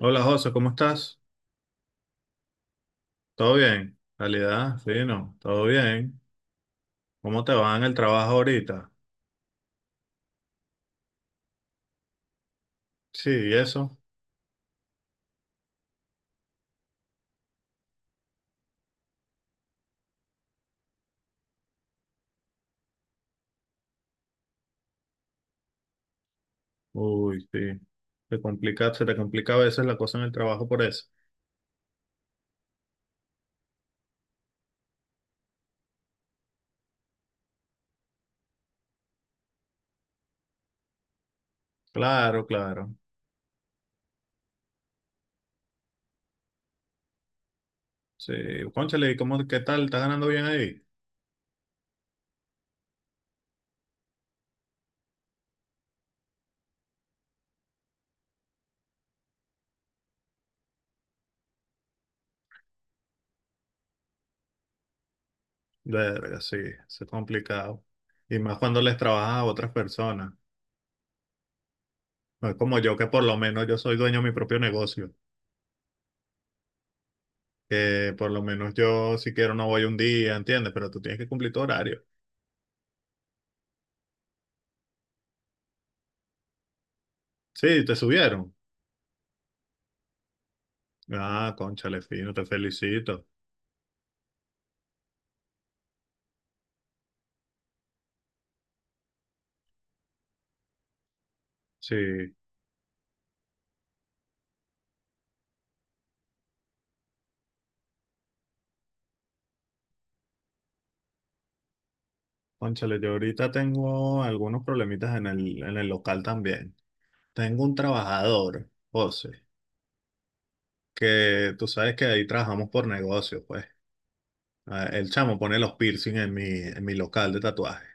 Hola José, ¿cómo estás? ¿Todo bien? ¿Calidad? Fino, todo bien. ¿Cómo te va en el trabajo ahorita? Sí, ¿y eso? Uy, sí. Te complica, se te complica a veces la cosa en el trabajo por eso. Claro, claro. Sí. Cónchale, ¿y cómo, qué tal? ¿Estás ganando bien ahí? Verga, sí, eso es complicado. Y más cuando les trabajas a otras personas. No es como yo, que por lo menos yo soy dueño de mi propio negocio. Que por lo menos yo, si quiero, no voy un día, ¿entiendes? Pero tú tienes que cumplir tu horario. Sí, te subieron. Ah, cónchale, fino, te felicito. Sí, cónchale, yo ahorita tengo algunos problemitas en el local también. Tengo un trabajador, José, que tú sabes que ahí trabajamos por negocio, pues. Ah, el chamo pone los piercing en mi local de tatuaje,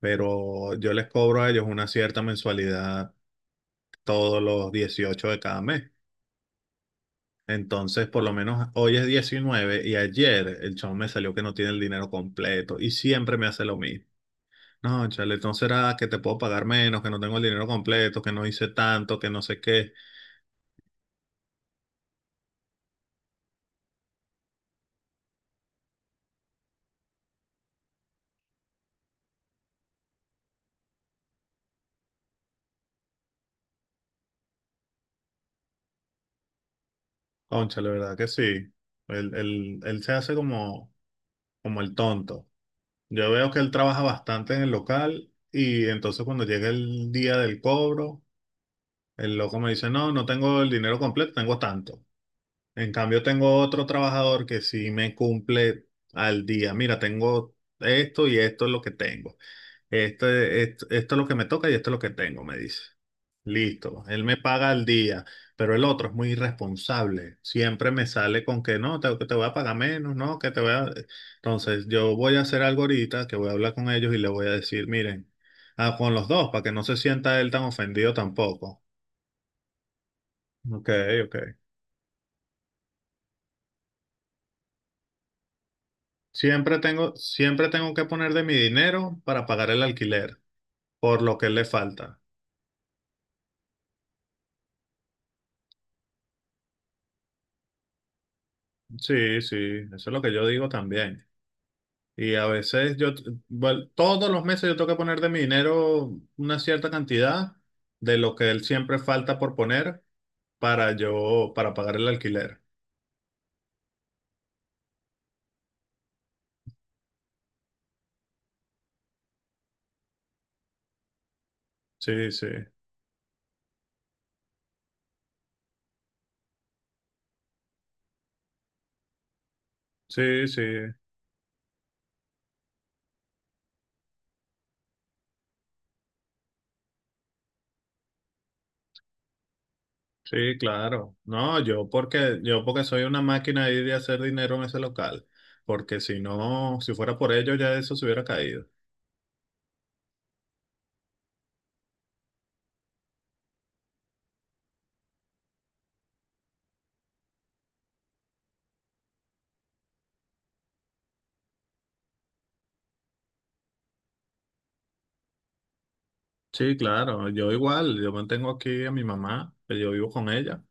pero yo les cobro a ellos una cierta mensualidad todos los 18 de cada mes. Entonces, por lo menos hoy es 19 y ayer el chamo me salió que no tiene el dinero completo y siempre me hace lo mismo. No, chale, entonces era que te puedo pagar menos, que no tengo el dinero completo, que no hice tanto, que no sé qué. Cónchale, ¿verdad que sí? Él se hace como, como el tonto. Yo veo que él trabaja bastante en el local y entonces cuando llega el día del cobro, el loco me dice, no, no tengo el dinero completo, tengo tanto. En cambio, tengo otro trabajador que sí me cumple al día. Mira, tengo esto y esto es lo que tengo. Esto, esto, esto es lo que me toca y esto es lo que tengo, me dice. Listo, él me paga al día, pero el otro es muy irresponsable. Siempre me sale con que no, te, que te voy a pagar menos, no, que te voy a... Entonces, yo voy a hacer algo ahorita, que voy a hablar con ellos y le voy a decir, miren, ah, con los dos, para que no se sienta él tan ofendido tampoco. Ok, ok. Siempre tengo que poner de mi dinero para pagar el alquiler, por lo que le falta. Sí, sí, eso es lo que yo digo también. Y a veces yo, bueno, todos los meses yo tengo que poner de mi dinero una cierta cantidad de lo que él siempre falta por poner para yo, para pagar el alquiler. Sí, sí, sí, sí, sí, claro. No, yo porque soy una máquina ahí de hacer dinero en ese local. Porque si no, si fuera por ello, ya eso se hubiera caído. Sí, claro, yo igual, yo mantengo aquí a mi mamá, que yo vivo con ella.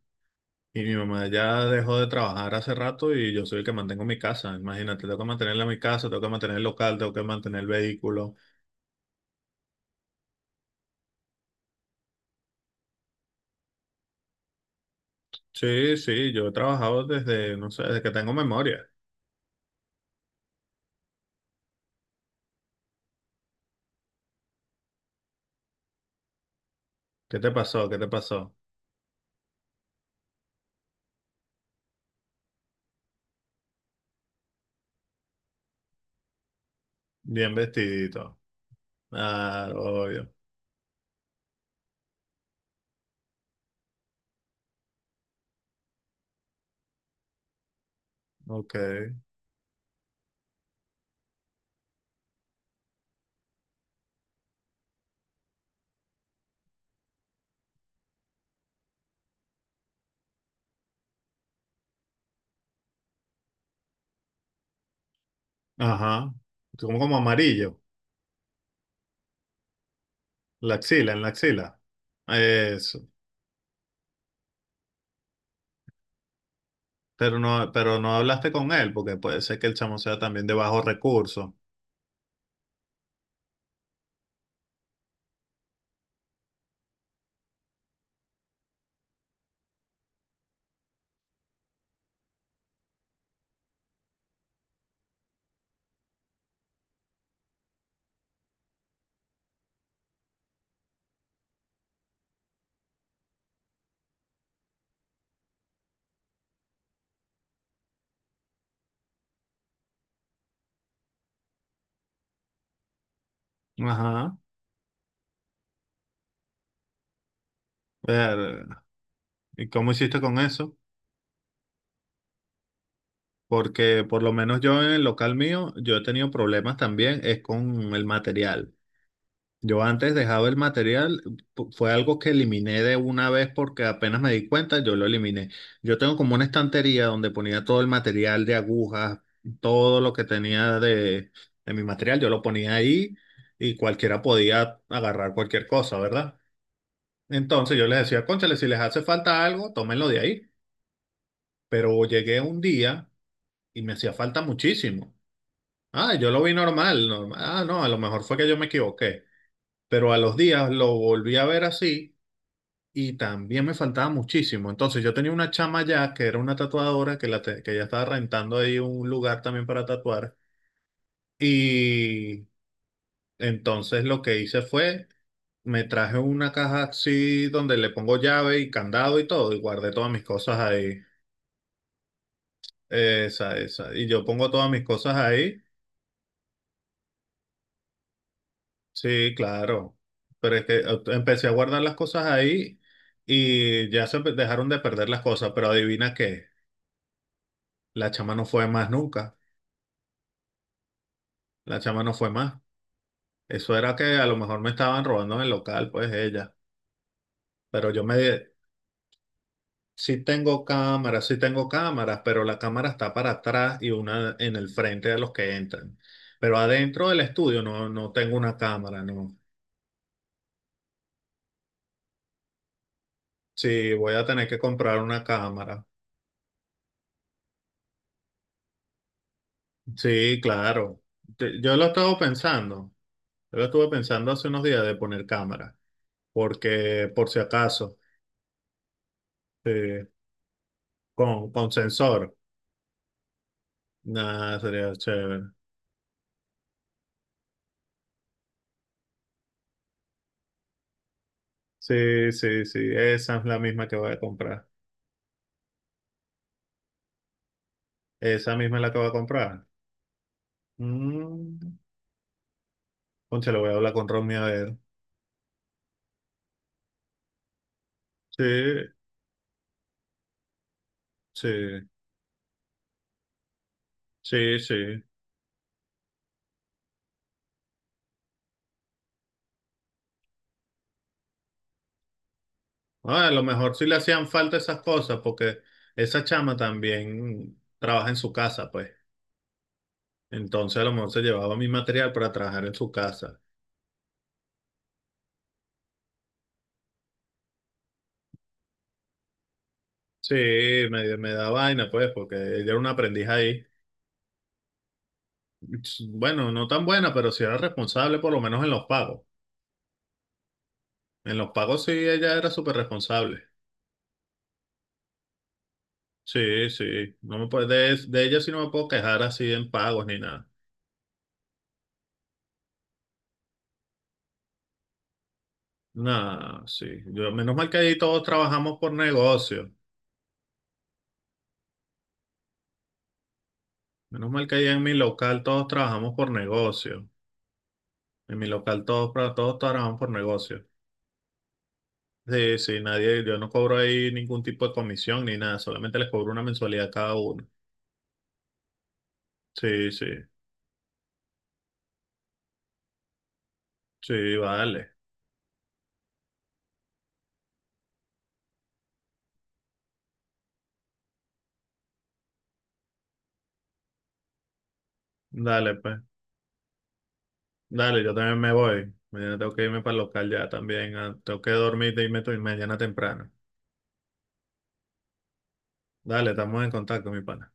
Y mi mamá ya dejó de trabajar hace rato y yo soy el que mantengo mi casa. Imagínate, tengo que mantenerla mi casa, tengo que mantener el local, tengo que mantener el vehículo. Sí, sí, yo he trabajado desde, no sé, desde que tengo memoria. ¿Qué te pasó? ¿Qué te pasó? Bien vestidito. Ah, obvio. Ok. Ajá. Como, como amarillo. La axila, en la axila. Eso. Pero no hablaste con él, porque puede ser que el chamo sea también de bajos recursos. Ajá. Ver, ¿y cómo hiciste con eso? Porque por lo menos yo en el local mío, yo he tenido problemas también, es con el material. Yo antes dejaba el material, fue algo que eliminé de una vez porque apenas me di cuenta, yo lo eliminé. Yo tengo como una estantería donde ponía todo el material de agujas, todo lo que tenía de mi material, yo lo ponía ahí y cualquiera podía agarrar cualquier cosa, ¿verdad? Entonces yo les decía, cónchale, si les hace falta algo, tómenlo de ahí. Pero llegué un día y me hacía falta muchísimo. Ah, yo lo vi normal, normal. Ah, no, a lo mejor fue que yo me equivoqué. Pero a los días lo volví a ver así y también me faltaba muchísimo. Entonces yo tenía una chama ya que era una tatuadora que, que ya estaba rentando ahí un lugar también para tatuar. Y entonces lo que hice fue, me traje una caja así donde le pongo llave y candado y todo y guardé todas mis cosas ahí. Esa, esa. Y yo pongo todas mis cosas ahí. Sí, claro. Pero es que empecé a guardar las cosas ahí y ya dejaron de perder las cosas, pero adivina qué, la chama no fue más nunca, la chama no fue más. Eso era que a lo mejor me estaban robando en el local, pues ella. Pero sí tengo cámaras, pero la cámara está para atrás y una en el frente de los que entran. Pero adentro del estudio no, no tengo una cámara, no. Sí, voy a tener que comprar una cámara. Sí, claro. Yo lo he estado pensando. Yo lo estuve pensando hace unos días de poner cámara, porque por si acaso, sí, con sensor. Nada, sería chévere. Sí, sí, sí, esa es la misma que voy a comprar. Esa misma es la que voy a comprar. Mm. Concha, le voy a hablar con Ronnie a ver. Sí, sí, sí, sí. Ah, a lo mejor sí le hacían falta esas cosas, porque esa chama también trabaja en su casa, pues. Entonces a lo mejor se llevaba mi material para trabajar en su casa. Sí, me da vaina, pues, porque ella era una aprendiz ahí. Bueno, no tan buena, pero sí era responsable, por lo menos en los pagos. En los pagos sí, ella era súper responsable. Sí, sí. No me puedo de ella sí no me puedo quejar así en pagos ni nada. Nada, sí. Yo, menos mal que ahí todos trabajamos por negocio. Menos mal que ahí en mi local todos trabajamos por negocio. En mi local todos, todos trabajamos por negocio. Sí, sí, nadie, yo no cobro ahí ningún tipo de comisión ni nada, solamente les cobro una mensualidad a cada uno. Sí, sí, sí, vale, dale pues, dale, yo también me voy. Mañana tengo que irme para el local ya también, ah, tengo que dormir y irme mañana temprano. Dale, estamos en contacto, mi pana.